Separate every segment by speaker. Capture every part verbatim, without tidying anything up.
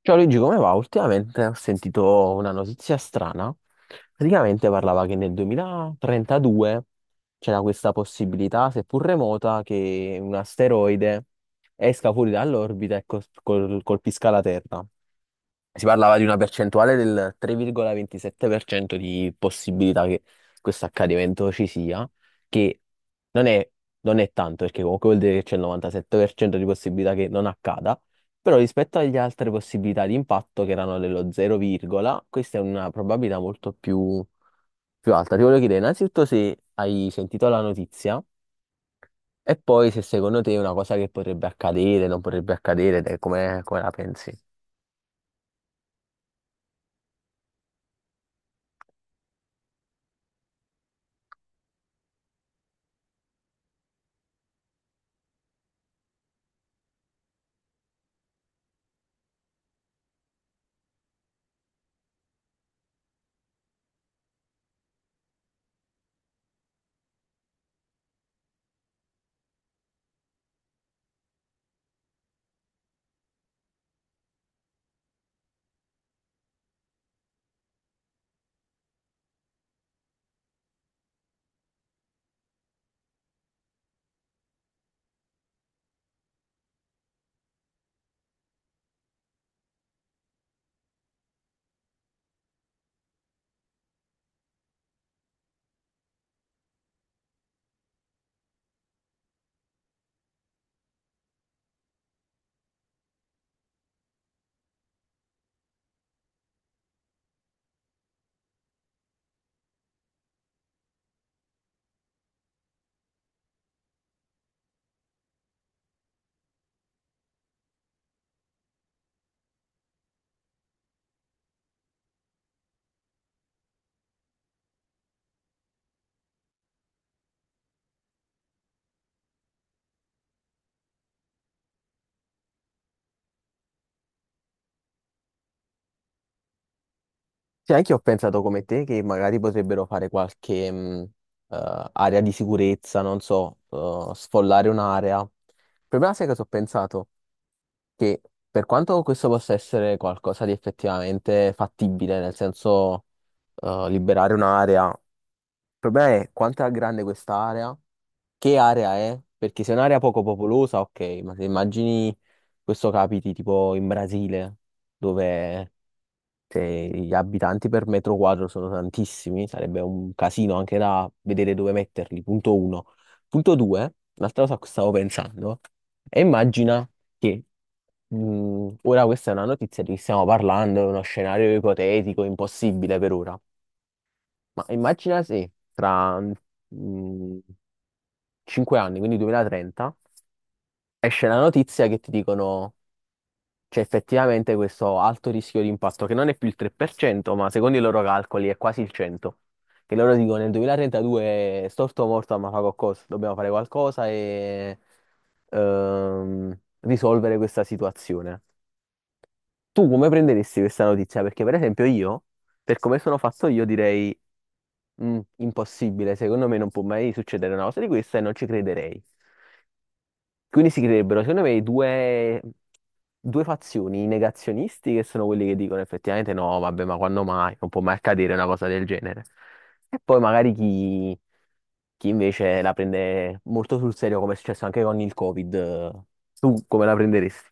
Speaker 1: Ciao Luigi, come va? Ultimamente ho sentito una notizia strana. Praticamente parlava che nel duemilatrentadue c'era questa possibilità, seppur remota, che un asteroide esca fuori dall'orbita e cos- col- colpisca la Terra. Si parlava di una percentuale del tre virgola ventisette per cento di possibilità che questo accadimento ci sia, che non è, non è tanto, perché comunque vuol dire che c'è il novantasette per cento di possibilità che non accada, però rispetto alle altre possibilità di impatto, che erano dello zero, questa è una probabilità molto più, più alta. Ti voglio chiedere innanzitutto se hai sentito la notizia e poi se secondo te è una cosa che potrebbe accadere, non potrebbe accadere, te come come la pensi? Sì, anche io ho pensato come te che magari potrebbero fare qualche mh, eh, area di sicurezza, non so, eh, sfollare un'area. Il problema sai cosa ho pensato? Che per quanto questo possa essere qualcosa di effettivamente fattibile, nel senso, eh, liberare un'area, il problema è quanto è grande quest'area, che area è, perché se è un'area poco popolosa, ok, ma se immagini questo capiti tipo in Brasile, dove se gli abitanti per metro quadro sono tantissimi, sarebbe un casino anche da vedere dove metterli, punto uno. Punto due, un'altra cosa a cui stavo pensando, e immagina che mh, ora questa è una notizia di cui stiamo parlando, è uno scenario ipotetico, impossibile per ora, ma immagina se tra mh, cinque anni, quindi duemilatrenta, esce la notizia che ti dicono: "C'è effettivamente questo alto rischio di impatto che non è più il tre per cento, ma secondo i loro calcoli è quasi il cento per cento. Che loro dicono nel duemilatrentadue storto o morto, ma fa qualcosa, dobbiamo fare qualcosa e ehm, risolvere questa situazione." Tu come prenderesti questa notizia? Perché per esempio io, per come sono fatto io, direi: "Mm, impossibile, secondo me non può mai succedere una cosa di questa e non ci crederei." Quindi si creerebbero, secondo me, due, due fazioni: i negazionisti, che sono quelli che dicono effettivamente: "No, vabbè, ma quando mai? Non può mai accadere una cosa del genere." E poi magari chi, chi invece la prende molto sul serio, come è successo anche con il Covid. eh, Tu come la prenderesti?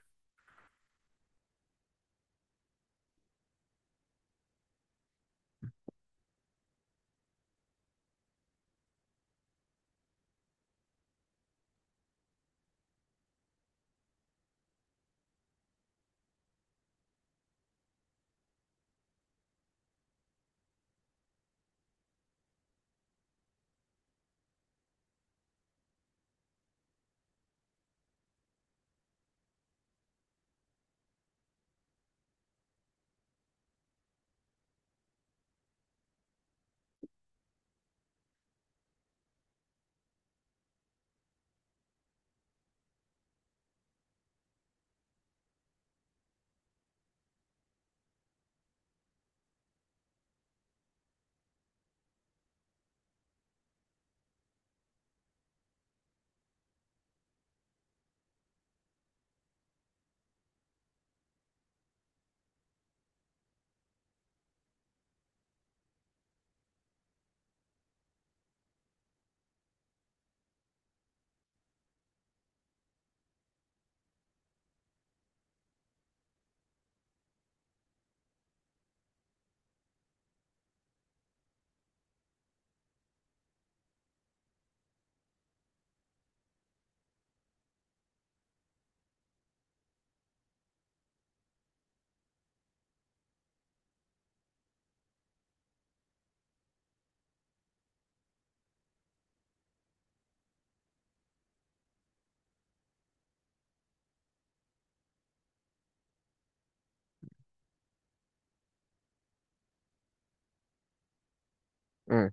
Speaker 1: Mm.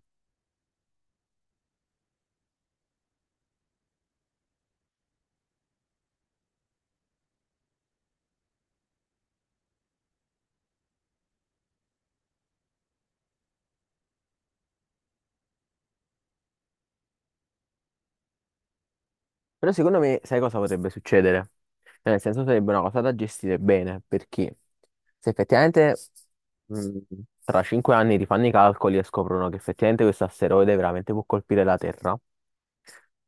Speaker 1: Però secondo me, sai cosa potrebbe succedere? Cioè, nel senso, sarebbe una cosa da gestire bene, perché se effettivamente mh, tra cinque anni rifanno i calcoli e scoprono che effettivamente questo asteroide veramente può colpire la Terra,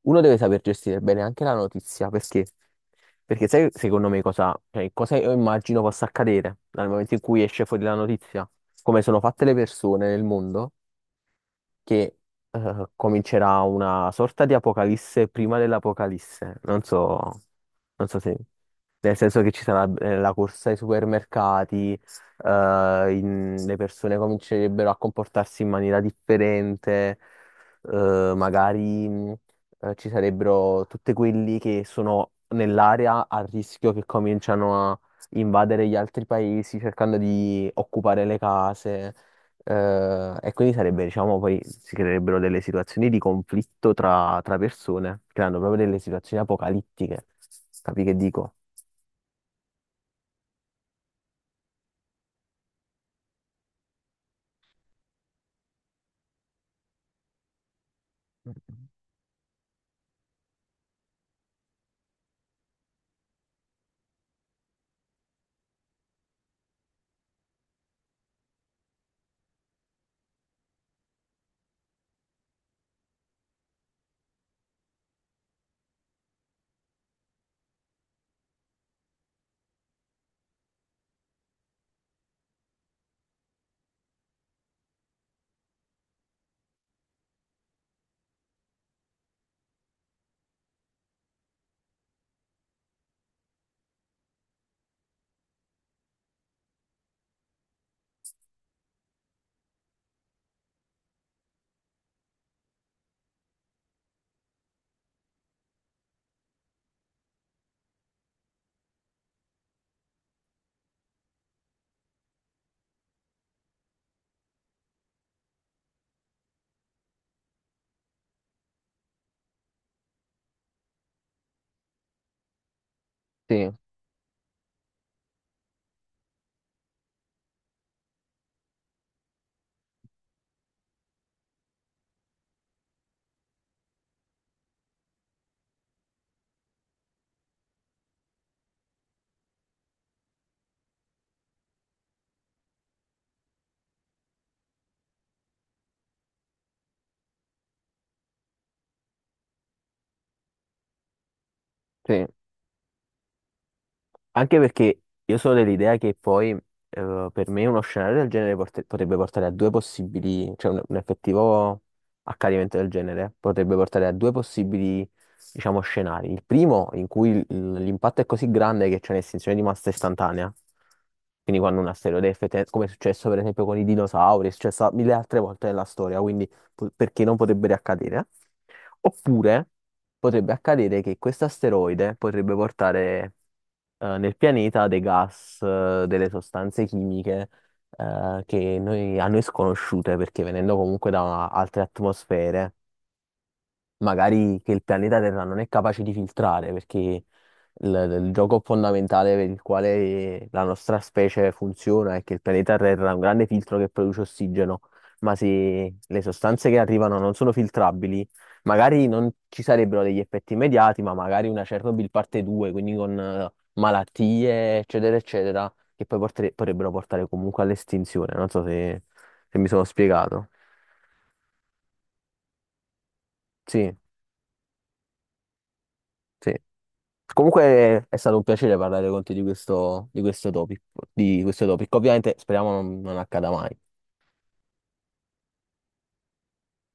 Speaker 1: uno deve saper gestire bene anche la notizia. Perché? Perché sai secondo me cosa, cioè, cosa io immagino possa accadere dal momento in cui esce fuori la notizia, come sono fatte le persone nel mondo, che eh, comincerà una sorta di apocalisse prima dell'apocalisse. Non so, non so se... Nel senso che ci sarà eh, la corsa ai supermercati, eh, in- le persone comincerebbero a comportarsi in maniera differente, eh, magari mh, eh, ci sarebbero tutti quelli che sono nell'area a rischio che cominciano a invadere gli altri paesi cercando di occupare le case, eh, e quindi sarebbe, diciamo, poi si creerebbero delle situazioni di conflitto tra, tra persone, creando proprio delle situazioni apocalittiche. Capi che dico? Sì, sì. Anche perché io sono dell'idea che poi eh, per me uno scenario del genere porte- potrebbe portare a due possibili, cioè un, un effettivo accadimento del genere potrebbe portare a due possibili, diciamo, scenari. Il primo, in cui il- l'impatto è così grande che c'è un'estinzione di massa istantanea, quindi quando un asteroide, effetti- come è successo per esempio con i dinosauri, è successo mille altre volte nella storia, quindi po- perché non potrebbe accadere. Oppure potrebbe accadere che questo asteroide potrebbe portare eh, nel pianeta dei gas, eh, delle sostanze chimiche eh, che noi- a noi sconosciute, perché venendo comunque da altre atmosfere magari che il pianeta Terra non è capace di filtrare, perché il, il gioco fondamentale per il quale la nostra specie funziona è che il pianeta Terra ha un grande filtro che produce ossigeno, ma se le sostanze che arrivano non sono filtrabili, magari non ci sarebbero degli effetti immediati, ma magari una Chernobyl parte due, quindi con eh, malattie, eccetera, eccetera, che poi portere- potrebbero portare comunque all'estinzione. Non so se se mi sono spiegato. Sì, sì. Comunque è stato un piacere parlare con te di questo, di questo topic, di questo topic. Ovviamente speriamo non non accada mai.